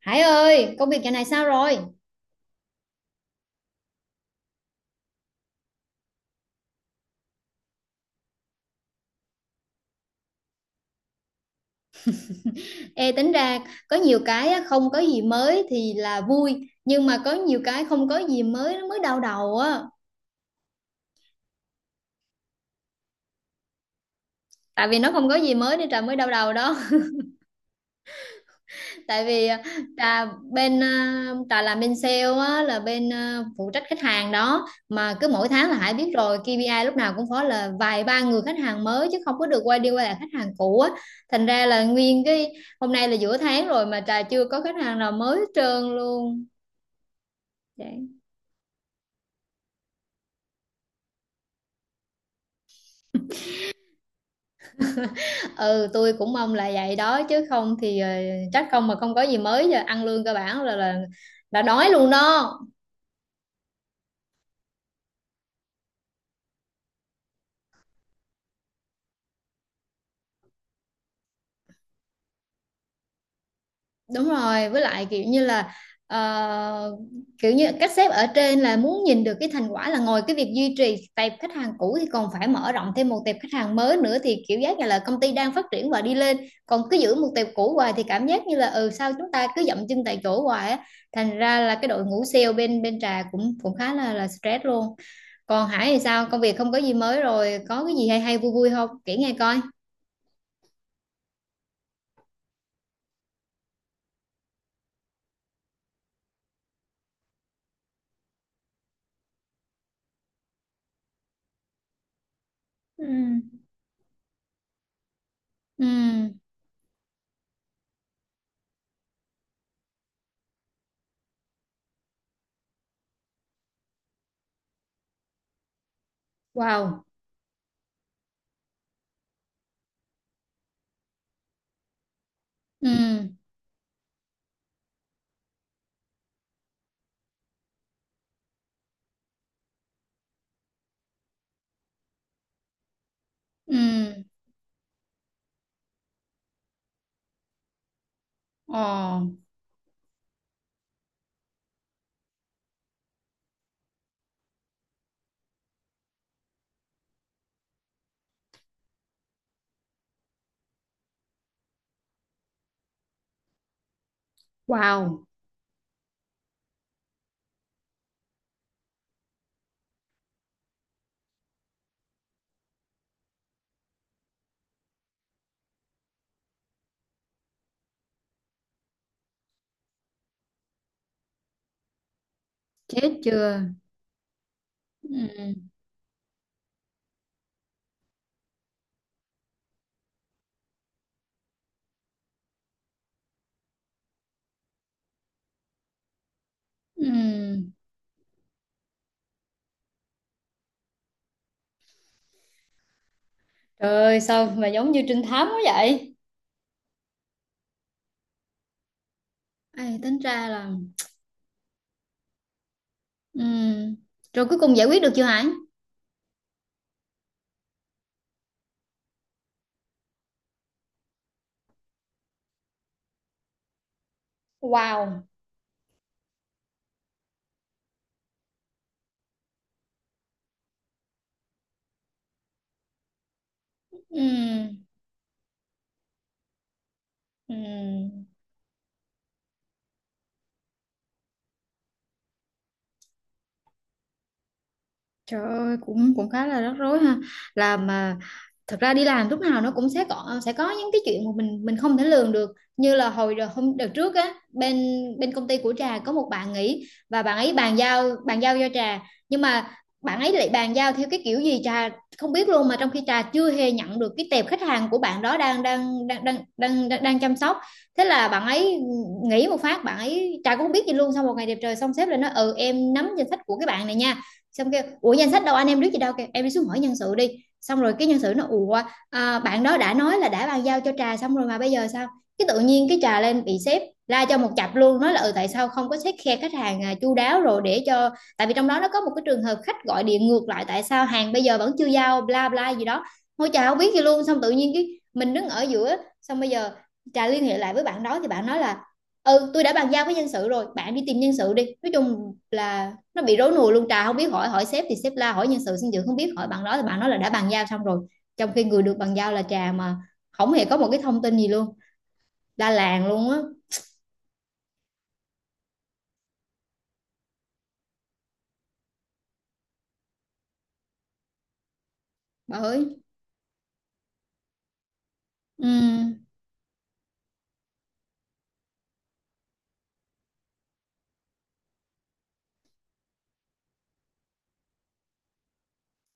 Hải ơi, công việc dạo này sao rồi? Ê, tính ra có nhiều cái á, không có gì mới thì là vui, nhưng mà có nhiều cái không có gì mới nó mới đau đầu á. Tại vì nó không có gì mới nên Trà mới đau đầu đó. Tại vì Trà Trà làm bên sale á, là bên phụ trách khách hàng đó, mà cứ mỗi tháng là Hải biết rồi, KPI lúc nào cũng phải là vài ba người khách hàng mới chứ không có được quay đi quay lại khách hàng cũ á. Thành ra là nguyên cái hôm nay là giữa tháng rồi mà Trà chưa có khách hàng nào mới hết trơn luôn. Vậy. Ừ, tôi cũng mong là vậy đó chứ không thì trách không mà không có gì mới, giờ ăn lương cơ bản là là đói luôn đó. Đúng rồi, với lại kiểu như là ờ, kiểu như các sếp ở trên là muốn nhìn được cái thành quả, là ngoài cái việc duy trì tệp khách hàng cũ thì còn phải mở rộng thêm một tệp khách hàng mới nữa, thì kiểu giác như là công ty đang phát triển và đi lên. Còn cứ giữ một tệp cũ hoài thì cảm giác như là, ừ, sao chúng ta cứ dậm chân tại chỗ hoài á. Thành ra là cái đội ngũ sale bên bên Trà cũng cũng khá là stress luôn. Còn Hải thì sao? Công việc không có gì mới rồi, có cái gì hay hay vui vui không? Kể nghe coi. Ừ. Ừ. Wow. Ừ. Ừ. Ồ. Wow. Chết chưa? Ừ. Ừ. Trời ơi, sao mà giống như trinh thám quá vậy? Ê, tính ra là... Ừ. Rồi cuối cùng giải quyết được chưa Hải? Wow. Ừ. Ừ. Trời ơi, cũng cũng khá là rắc rối ha. Là mà thật ra đi làm lúc nào nó cũng sẽ có những cái chuyện mà mình không thể lường được. Như là hồi đợt hôm đợt trước á, bên bên công ty của Trà có một bạn nghỉ và bạn ấy bàn giao cho Trà, nhưng mà bạn ấy lại bàn giao theo cái kiểu gì Trà không biết luôn, mà trong khi Trà chưa hề nhận được cái tệp khách hàng của bạn đó đang chăm sóc. Thế là bạn ấy nghỉ một phát, bạn ấy Trà cũng không biết gì luôn. Sau một ngày đẹp trời, xong sếp lại nói ừ em nắm danh sách của cái bạn này nha. Xong kêu ủa danh sách đâu, anh em biết gì đâu, kêu em đi xuống hỏi nhân sự đi. Xong rồi cái nhân sự nó ủa bạn đó đã nói là đã bàn giao cho Trà xong rồi mà bây giờ sao? Cái tự nhiên cái Trà lên bị sếp la cho một chặp luôn, nói là ừ tại sao không có xét khe khách hàng chu đáo, rồi để cho, tại vì trong đó nó có một cái trường hợp khách gọi điện ngược lại, tại sao hàng bây giờ vẫn chưa giao bla bla gì đó. Ngôi Trà không biết gì luôn, xong tự nhiên cái mình đứng ở giữa. Xong bây giờ Trà liên hệ lại với bạn đó thì bạn nói là ừ tôi đã bàn giao với nhân sự rồi, bạn đi tìm nhân sự đi. Nói chung là nó bị rối nùi luôn, Trà không biết, hỏi hỏi sếp thì sếp la, hỏi nhân sự sinh dưỡng không biết, hỏi bạn đó thì bạn nói là đã bàn giao xong rồi, trong khi người được bàn giao là Trà mà không hề có một cái thông tin gì luôn, la làng luôn á, bà ơi! Ừ.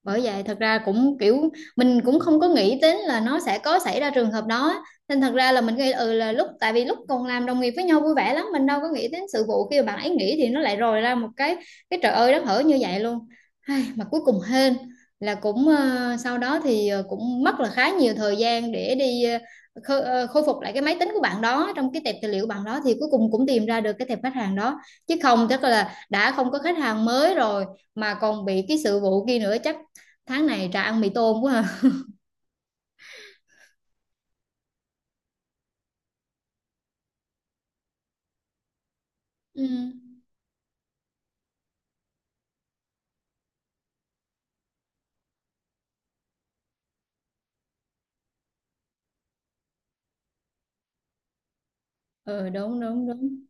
Bởi vậy thật ra cũng kiểu, mình cũng không có nghĩ đến là nó sẽ có xảy ra trường hợp đó, nên thật ra là mình nghĩ, ừ, là lúc, tại vì lúc còn làm đồng nghiệp với nhau vui vẻ lắm, mình đâu có nghĩ đến sự vụ khi mà bạn ấy nghỉ thì nó lại rồi ra một cái trời ơi đất hở như vậy luôn. Ai, mà cuối cùng hên là cũng, sau đó thì cũng mất là khá nhiều thời gian để đi, khôi phục lại cái máy tính của bạn đó, trong cái tệp tài liệu bạn đó thì cuối cùng cũng tìm ra được cái tệp khách hàng đó, chứ không chắc là đã không có khách hàng mới rồi, mà còn bị cái sự vụ kia nữa, chắc tháng này ra ăn mì tôm quá à. Ừ. Ừ, đúng đúng đúng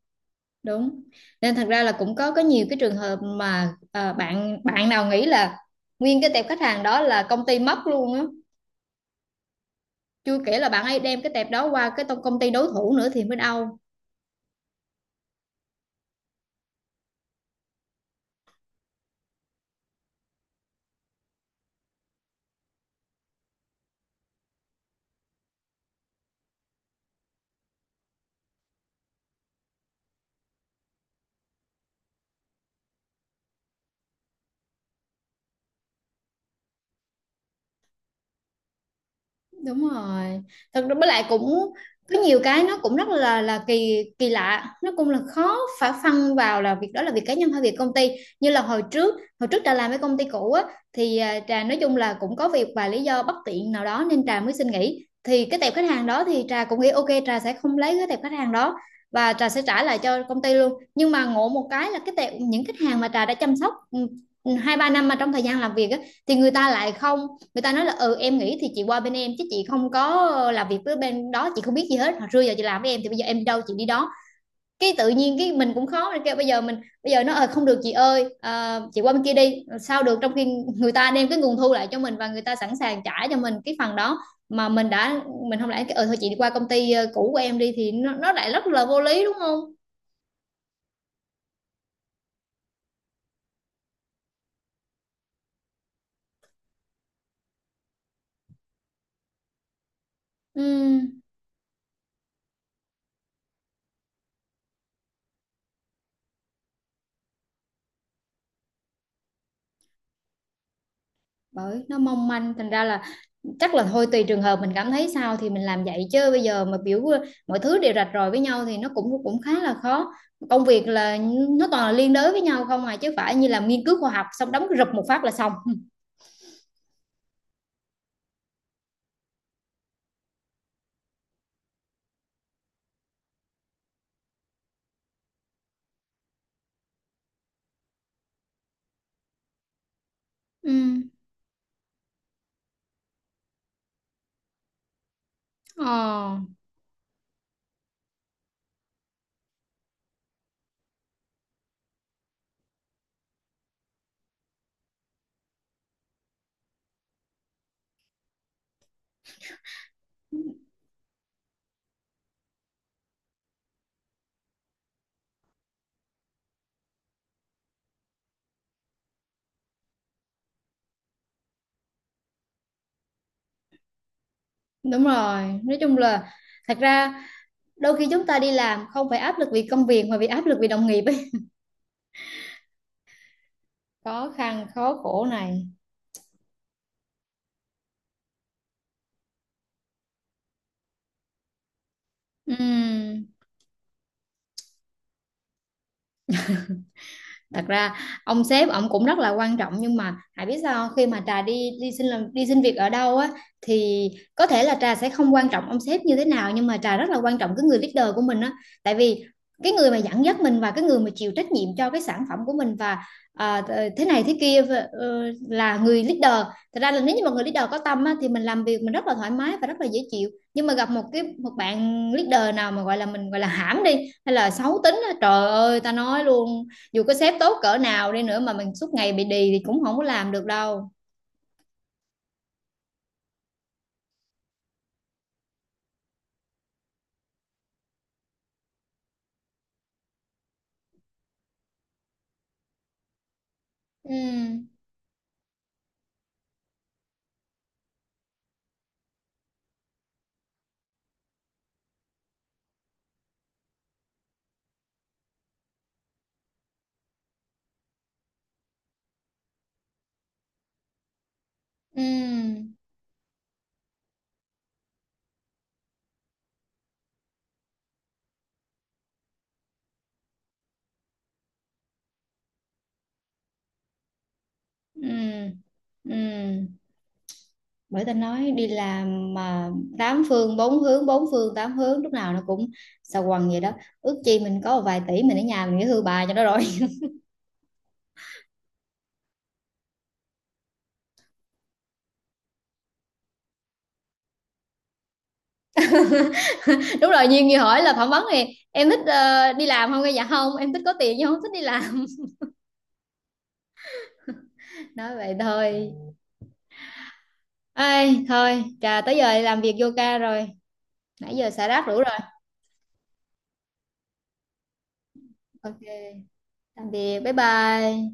đúng. Nên thật ra là cũng có nhiều cái trường hợp mà, bạn bạn nào nghĩ là nguyên cái tệp khách hàng đó là công ty mất luôn á, chưa kể là bạn ấy đem cái tệp đó qua cái công ty đối thủ nữa thì mới đau. Đúng rồi, thật ra với lại cũng có nhiều cái nó cũng rất là kỳ kỳ lạ, nó cũng là khó phải phân vào là việc đó là việc cá nhân hay việc công ty. Như là hồi trước Trà làm với công ty cũ á, thì Trà nói chung là cũng có việc và lý do bất tiện nào đó nên Trà mới xin nghỉ, thì cái tệp khách hàng đó thì Trà cũng nghĩ ok Trà sẽ không lấy cái tệp khách hàng đó và Trà sẽ trả lại cho công ty luôn. Nhưng mà ngộ một cái là cái tệp những khách hàng mà Trà đã chăm sóc, ừ, hai ba năm mà, trong thời gian làm việc á, thì người ta lại không, người ta nói là ừ em nghĩ thì chị qua bên em chứ chị không có làm việc với bên đó, chị không biết gì hết, hồi xưa giờ chị làm với em thì bây giờ em đâu chị đi đó. Cái tự nhiên cái mình cũng khó, mình kêu bây giờ mình, bây giờ nó không được chị ơi, chị qua bên kia đi sao được, trong khi người ta đem cái nguồn thu lại cho mình và người ta sẵn sàng trả cho mình cái phần đó, mà mình đã, mình không lẽ cái, ừ thôi chị đi qua công ty cũ của em đi, thì nó lại rất là vô lý đúng không? Ừ, bởi nó mong manh, thành ra là chắc là thôi tùy trường hợp mình cảm thấy sao thì mình làm vậy, chứ bây giờ mà biểu mọi thứ đều rạch ròi với nhau thì nó cũng cũng khá là khó. Công việc là nó toàn là liên đới với nhau không à, chứ phải như làm nghiên cứu khoa học xong đóng rụp một phát là xong. Ừ. ờ Đúng rồi, nói chung là thật ra đôi khi chúng ta đi làm không phải áp lực vì công việc mà vì áp lực vì đồng nghiệp ấy, khó khăn khó khổ này. Ừ, thật ra ông sếp ông cũng rất là quan trọng, nhưng mà Hải biết sao không? Khi mà Trà đi đi xin làm đi xin việc ở đâu á, thì có thể là Trà sẽ không quan trọng ông sếp như thế nào, nhưng mà Trà rất là quan trọng cái người leader của mình á. Tại vì cái người mà dẫn dắt mình, và cái người mà chịu trách nhiệm cho cái sản phẩm của mình, và à, thế này thế kia, ờ, là người leader. Thật ra là nếu như mà người leader có tâm á, thì mình làm việc mình rất là thoải mái và rất là dễ chịu, nhưng mà gặp một cái một bạn leader nào mà gọi là, mình gọi là hãm đi, hay là xấu tính á, trời ơi ta nói luôn, dù có sếp tốt cỡ nào đi nữa mà mình suốt ngày bị đì thì cũng không có làm được đâu. Ừ. Ừ. Ừ. Ừ. Bởi ta nói đi làm mà tám phương bốn hướng bốn phương tám hướng lúc nào nó cũng xà quần vậy đó. Ước chi mình có một vài tỷ, mình ở nhà mình nghỉ hưu bà cho nó rồi. Đúng rồi, Duyên như hỏi là phỏng vấn thì em thích đi làm không? Dạ không, em thích có tiền nhưng không thích đi làm. Nói vậy thôi. Ê, thôi Trà tới giờ làm việc vô ca rồi, nãy giờ xả rác đủ rồi. Ok, tạm biệt, bye bye.